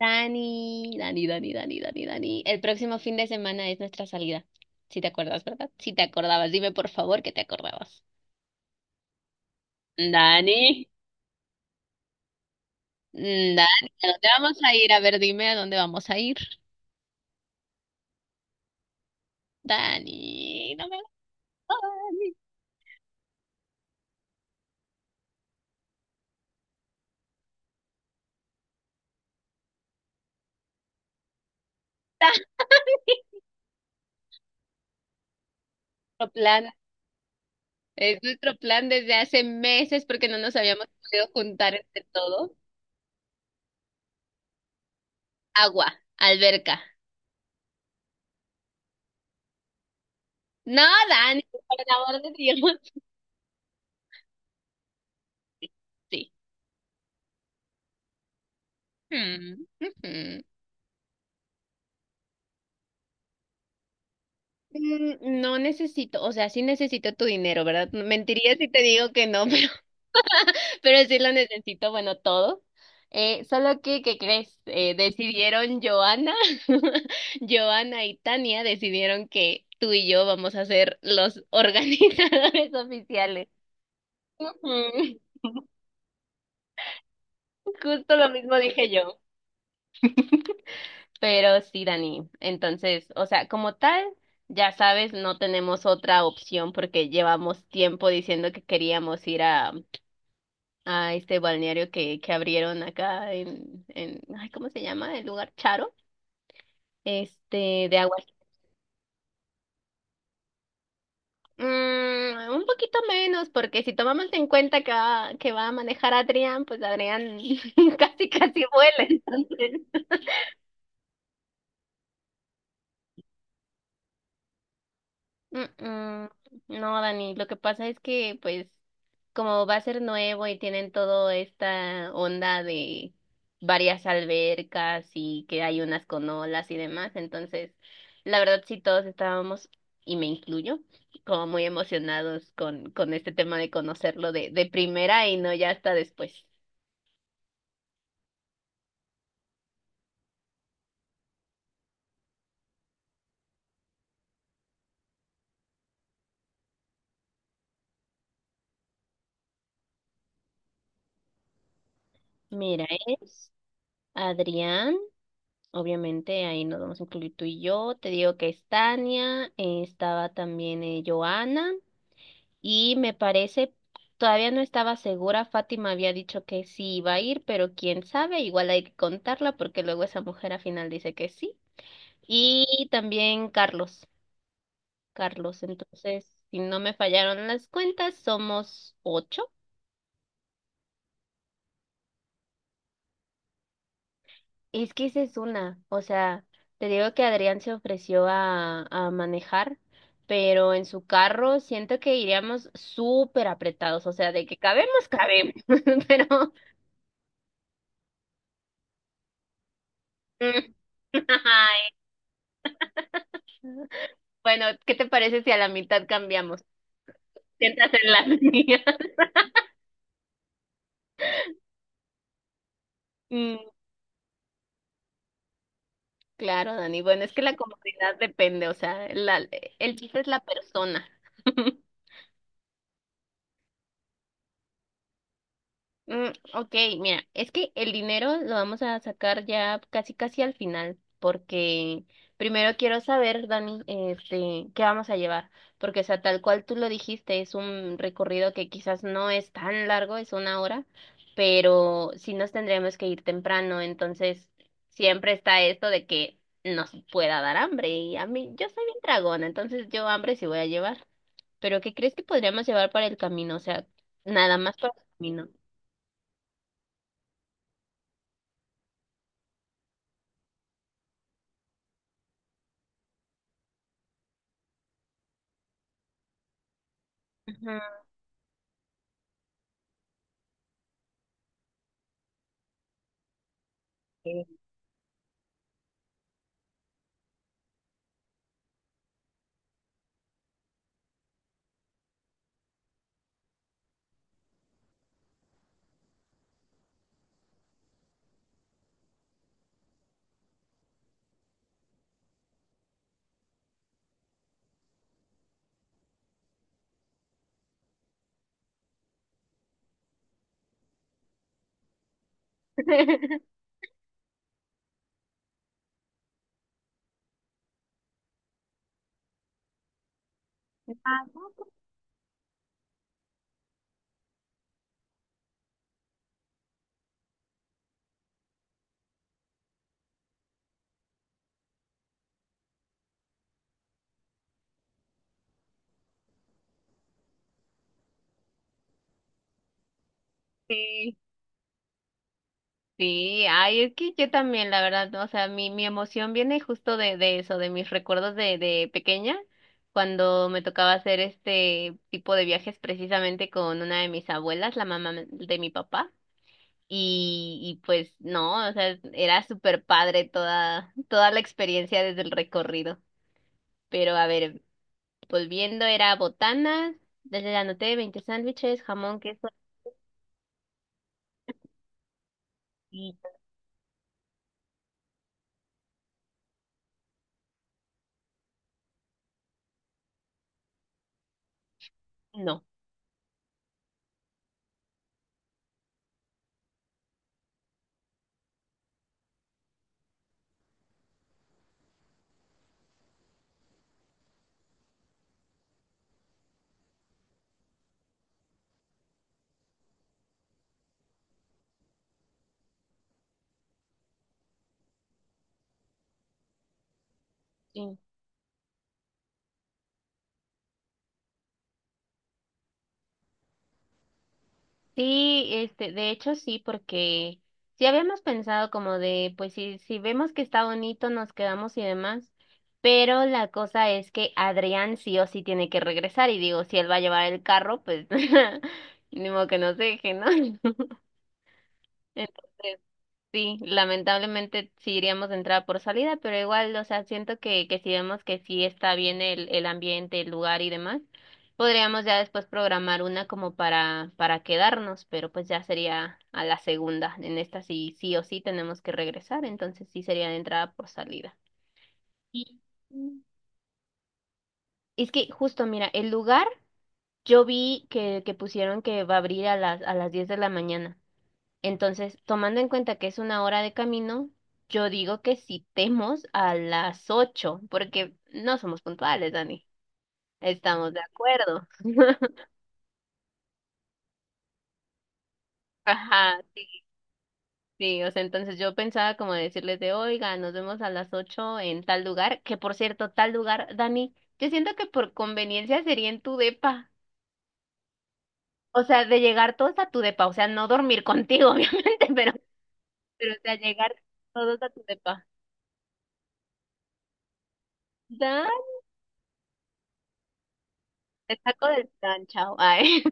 Dani, Dani, Dani, Dani, Dani, Dani. El próximo fin de semana es nuestra salida. Si te acuerdas, ¿verdad? Si te acordabas, dime por favor que te acordabas. Dani, Dani, ¿a dónde vamos a ir? A ver, dime a dónde vamos a ir. Dani, no me Dani. Nuestro plan. Es nuestro plan desde hace meses porque no nos habíamos podido juntar entre todo. Agua, alberca. No, Dani, por el amor de Dios. Sí. Mm, ujú. No necesito, o sea, sí necesito tu dinero, ¿verdad? Mentiría si te digo que no, pero sí lo necesito, bueno, todo. Solo que, ¿qué crees? Decidieron Joana, Joana y Tania decidieron que tú y yo vamos a ser los organizadores oficiales. Ujú, justo lo mismo dije yo. Pero sí, Dani. Entonces, o sea, como tal, ya sabes, no tenemos otra opción porque llevamos tiempo diciendo que queríamos ir a este balneario que abrieron acá en, ay, ¿cómo se llama? El lugar Charo, este, de aguas. Un poquito menos, porque si tomamos en cuenta que que va a manejar Adrián, pues Adrián casi, casi vuela, entonces. Mm, mm. No, Dani, lo que pasa es que, pues, como va a ser nuevo y tienen toda esta onda de varias albercas y que hay unas con olas y demás, entonces, la verdad sí todos estábamos, y me incluyo, como muy emocionados con este tema de conocerlo de primera y no ya hasta después. Mira, es Adrián. Obviamente ahí nos vamos a incluir tú y yo. Te digo que es Tania, estaba también Joana. Y me parece, todavía no estaba segura, Fátima había dicho que sí iba a ir, pero quién sabe, igual hay que contarla porque luego esa mujer al final dice que sí. Y también Carlos, Carlos, entonces, si no me fallaron las cuentas, somos ocho. Es que esa es una, o sea, te digo que Adrián se ofreció a manejar, pero en su carro siento que iríamos súper apretados, o sea, de que cabemos, cabemos, pero... Bueno, ¿qué te parece si a la mitad cambiamos? Sientas en las mías. Mm, claro, Dani. Bueno, es que la comodidad depende, o sea, la- el chiste es la persona. Mm, ok, mira, es que el dinero lo vamos a sacar ya casi casi al final, porque primero quiero saber, Dani, este, qué vamos a llevar, porque o sea, tal cual tú lo dijiste, es un recorrido que quizás no es tan largo, es una hora, pero sí nos tendríamos que ir temprano, entonces siempre está esto de que nos pueda dar hambre, y a mí, yo soy bien dragona, entonces yo hambre sí voy a llevar, pero ¿qué crees que podríamos llevar para el camino? O sea, nada más para el camino. Ajá. Sí. Ah, sí. Sí, ay, es que yo también, la verdad, o sea, mi emoción viene justo de eso, de mis recuerdos de pequeña, cuando me tocaba hacer este tipo de viajes precisamente con una de mis abuelas, la mamá de mi papá, y pues no, o sea, era súper padre toda, toda la experiencia desde el recorrido. Pero a ver, volviendo, era botanas, desde la anoté 20 sándwiches, jamón, queso y no. Sí, este, de hecho sí, porque sí habíamos pensado como de, pues si, si vemos que está bonito, nos quedamos y demás, pero la cosa es que Adrián sí o sí tiene que regresar y digo, si él va a llevar el carro, pues ni modo que nos deje, ¿no? Entonces, sí, lamentablemente sí iríamos de entrada por salida, pero igual, o sea, siento que si vemos que sí está bien el ambiente, el lugar y demás, podríamos ya después programar una como para quedarnos, pero pues ya sería a la segunda. En esta sí, sí o sí tenemos que regresar, entonces sí sería de entrada por salida. Y- es que justo, mira, el lugar yo vi que pusieron que va a abrir a las 10 de la mañana. Entonces, tomando en cuenta que es una hora de camino, yo digo que citemos a las 8, porque no somos puntuales, Dani. Estamos de acuerdo. Ajá, sí, sí, o sea, entonces yo pensaba como decirles de, oiga, nos vemos a las 8 en tal lugar, que por cierto, tal lugar, Dani, yo siento que por conveniencia sería en tu depa, o sea, de llegar todos a tu depa, o sea, no dormir contigo, obviamente, pero, o sea, llegar todos a tu depa. Dan, te saco del plan, chao. Ay.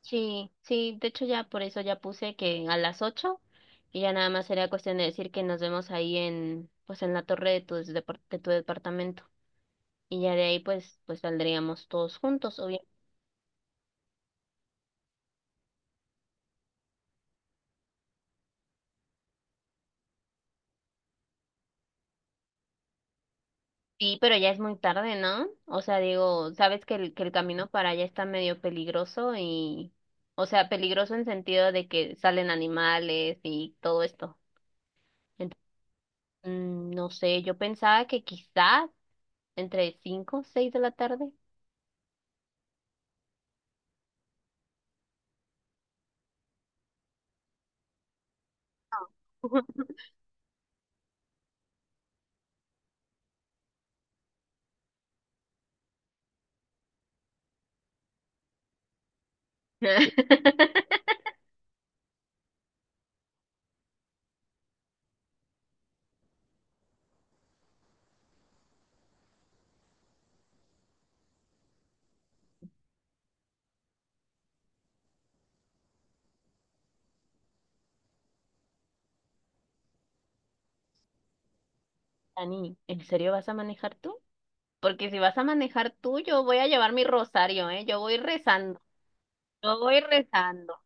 Sí, sí, de hecho ya por eso ya puse que a las 8 y ya nada más sería cuestión de decir que nos vemos ahí en, pues en la torre de tu, depar- de tu departamento y ya de ahí pues, pues saldríamos todos juntos, obviamente. Sí, pero ya es muy tarde, ¿no? O sea, digo, sabes que el camino para allá está medio peligroso y, o sea, peligroso en sentido de que salen animales y todo esto. Entonces, mm, no sé, yo pensaba que quizás entre 5 o 6 de la tarde. Dani, ¿en serio vas a manejar tú? Porque si vas a manejar tú, yo voy a llevar mi rosario, ¿eh? Yo voy rezando, yo voy rezando.